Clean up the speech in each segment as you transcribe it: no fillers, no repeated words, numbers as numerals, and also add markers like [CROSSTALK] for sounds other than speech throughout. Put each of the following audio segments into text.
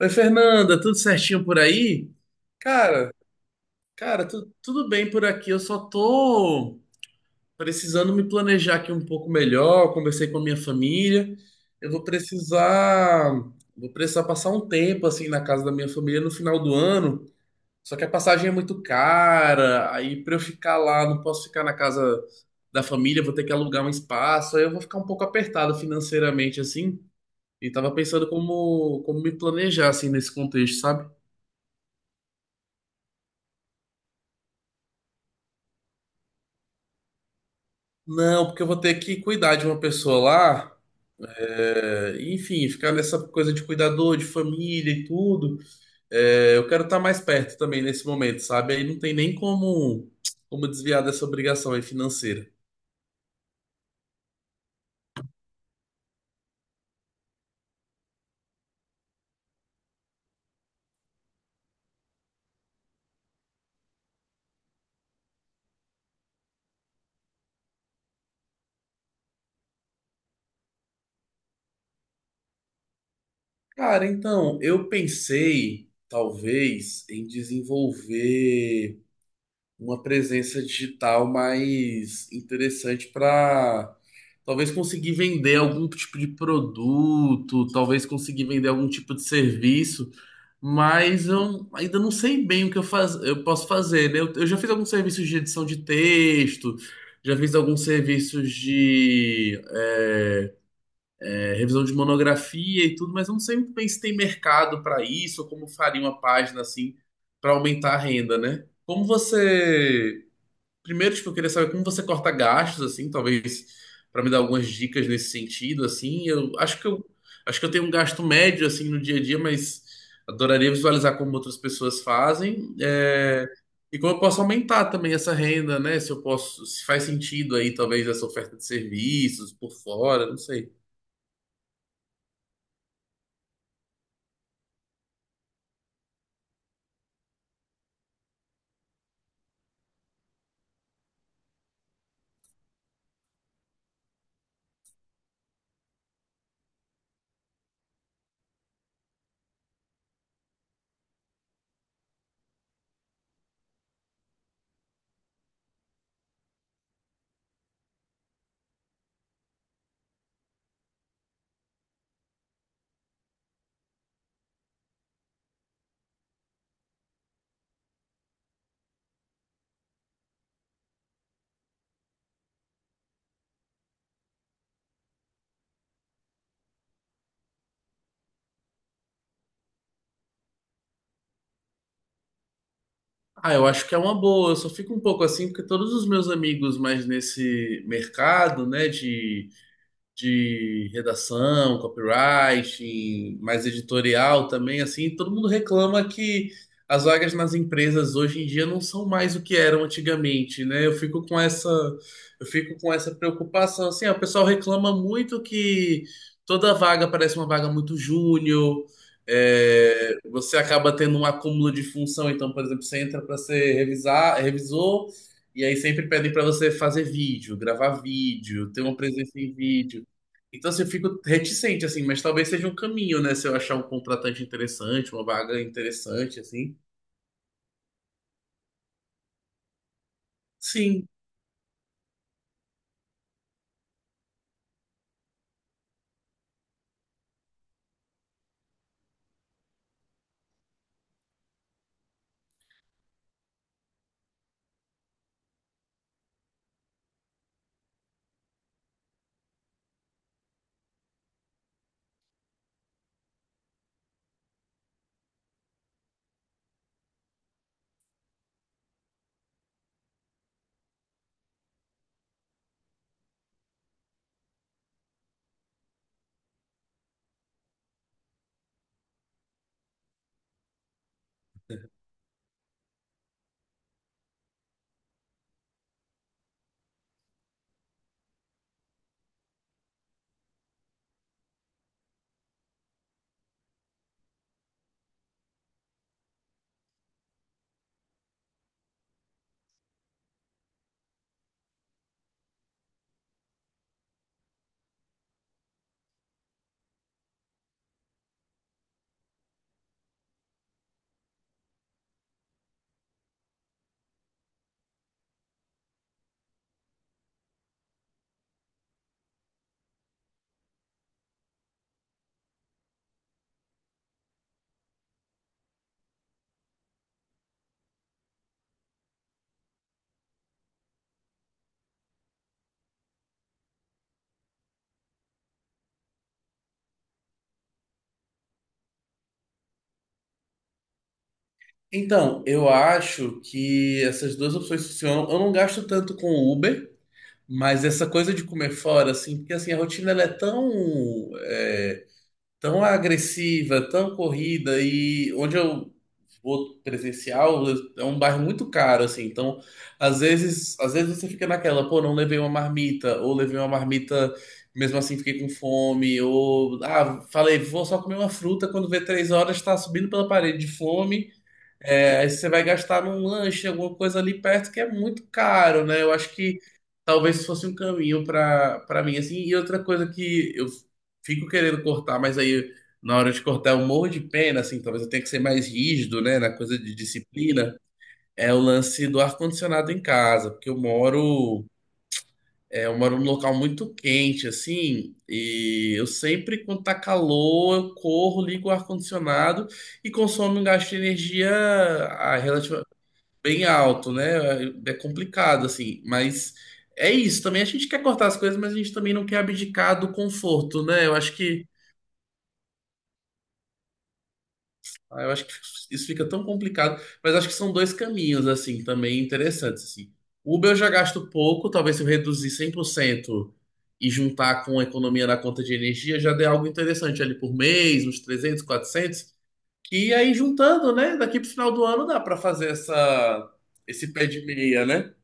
Oi, Fernanda, tudo certinho por aí? Cara, Tudo bem por aqui. Eu só tô precisando me planejar aqui um pouco melhor. Conversei com a minha família. Eu vou precisar, vou precisar passar um tempo assim na casa da minha família no final do ano. Só que a passagem é muito cara. Aí pra eu ficar lá, não posso ficar na casa da família, vou ter que alugar um espaço. Aí eu vou ficar um pouco apertado financeiramente assim. E tava pensando como me planejar assim nesse contexto, sabe? Não, porque eu vou ter que cuidar de uma pessoa lá. É, enfim, ficar nessa coisa de cuidador, de família e tudo. É, eu quero estar mais perto também nesse momento, sabe? Aí não tem nem como desviar dessa obrigação aí financeira. Cara, então, eu pensei, talvez, em desenvolver uma presença digital mais interessante para talvez conseguir vender algum tipo de produto, talvez conseguir vender algum tipo de serviço, mas eu ainda não sei bem o que eu posso fazer, né? Eu já fiz alguns serviços de edição de texto, já fiz alguns serviços de revisão de monografia e tudo, mas eu não sei muito bem se tem mercado para isso, ou como faria uma página assim para aumentar a renda, né? Como você primeiro, tipo, eu queria saber como você corta gastos, assim, talvez para me dar algumas dicas nesse sentido, assim. Eu acho que eu tenho um gasto médio assim no dia a dia, mas adoraria visualizar como outras pessoas fazem, e como eu posso aumentar também essa renda, né? Se eu posso, se faz sentido aí, talvez essa oferta de serviços por fora, não sei. Ah, eu acho que é uma boa. Eu só fico um pouco assim porque todos os meus amigos mais nesse mercado, né, de redação, copywriting, mais editorial também, assim, todo mundo reclama que as vagas nas empresas hoje em dia não são mais o que eram antigamente, né? Eu fico com essa preocupação, assim, ó, o pessoal reclama muito que toda vaga parece uma vaga muito júnior, é, você acaba tendo um acúmulo de função, então, por exemplo, você entra para ser revisor, e aí sempre pedem para você fazer vídeo, gravar vídeo, ter uma presença em vídeo. Então, assim, eu fico reticente, assim, mas talvez seja um caminho, né? Se eu achar um contratante interessante, uma vaga interessante, assim. Sim. Então, eu acho que essas duas opções funcionam. Eu não gasto tanto com o Uber, mas essa coisa de comer fora, assim, porque assim, a rotina ela é tão é, tão agressiva, tão corrida e onde eu vou presencial é um bairro muito caro assim. Então, às vezes você fica naquela, pô, não levei uma marmita ou levei uma marmita mesmo assim fiquei com fome ou ah, falei, vou só comer uma fruta quando vê 3 horas tá subindo pela parede de fome. É, aí você vai gastar num lanche, alguma coisa ali perto que é muito caro, né? Eu acho que talvez fosse um caminho para mim, assim. E outra coisa que eu fico querendo cortar, mas aí na hora de cortar eu morro de pena, assim, talvez eu tenha que ser mais rígido, né, na coisa de disciplina, é o lance do ar-condicionado em casa, porque eu moro num local muito quente, assim, e eu sempre, quando tá calor, eu corro, ligo o ar-condicionado e consome um gasto de energia bem alto, né? É complicado, assim, mas é isso também. A gente quer cortar as coisas, mas a gente também não quer abdicar do conforto, né? Eu acho que isso fica tão complicado, mas acho que são dois caminhos, assim, também interessantes, assim. Uber eu já gasto pouco, talvez se eu reduzir 100% e juntar com a economia na conta de energia, já dê algo interessante ali por mês, uns 300, 400 que aí juntando, né? Daqui pro final do ano dá para fazer esse pé de meia, né?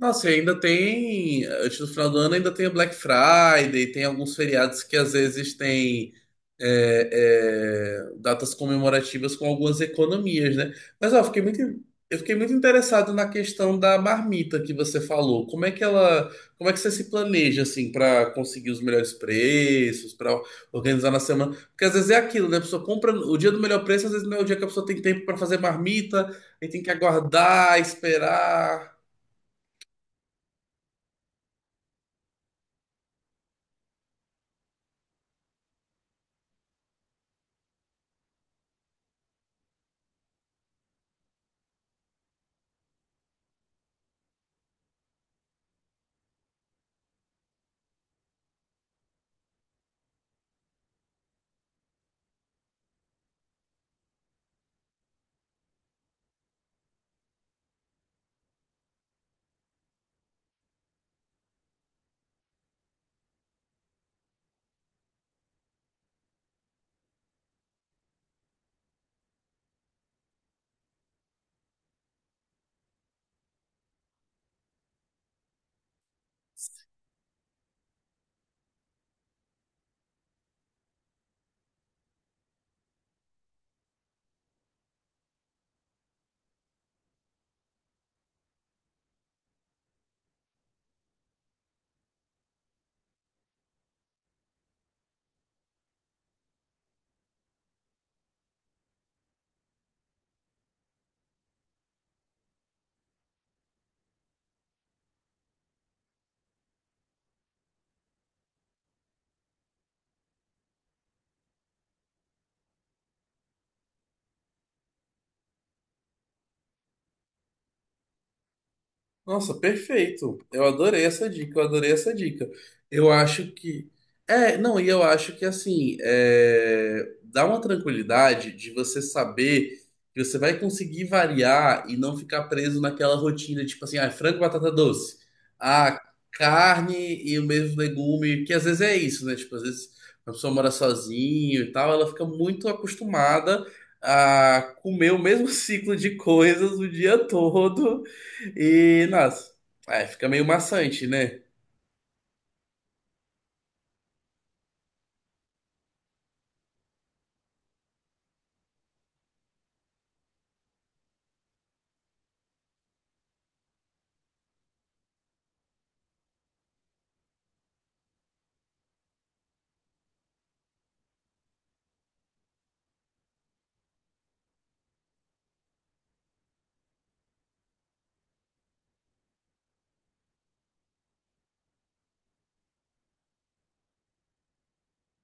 Nossa, e ainda tem, antes do final do ano, ainda tem o Black Friday, tem alguns feriados que às vezes tem é, datas comemorativas com algumas economias, né? Mas ó, eu fiquei muito interessado na questão da marmita que você falou. Como é que você se planeja assim para conseguir os melhores preços, para organizar na semana? Porque às vezes é aquilo, né? A pessoa compra o dia do melhor preço, às vezes não é o dia que a pessoa tem tempo para fazer marmita, aí tem que aguardar, esperar. Nossa, perfeito. Eu adorei essa dica, eu adorei essa dica. Eu acho que. É, não, e eu acho que assim, é, dá uma tranquilidade de você saber que você vai conseguir variar e não ficar preso naquela rotina, tipo assim, ah, frango e batata doce. Ah, carne e o mesmo legume, que às vezes é isso, né? Tipo, às vezes a pessoa mora sozinho e tal, ela fica muito acostumada a comer o mesmo [LAUGHS] ciclo de coisas o dia todo. E, nossa, é, fica meio maçante, né?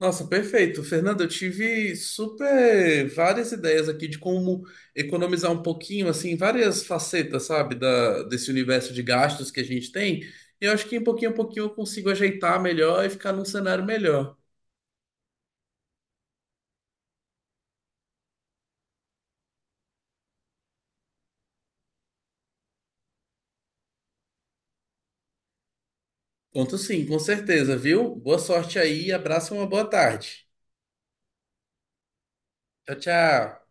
Nossa, perfeito. Fernanda, eu tive super várias ideias aqui de como economizar um pouquinho, assim, várias facetas, sabe, da, desse universo de gastos que a gente tem. E eu acho que em pouquinho a pouquinho eu consigo ajeitar melhor e ficar num cenário melhor. Conto sim, com certeza, viu? Boa sorte aí, abraço e uma boa tarde. Tchau, tchau.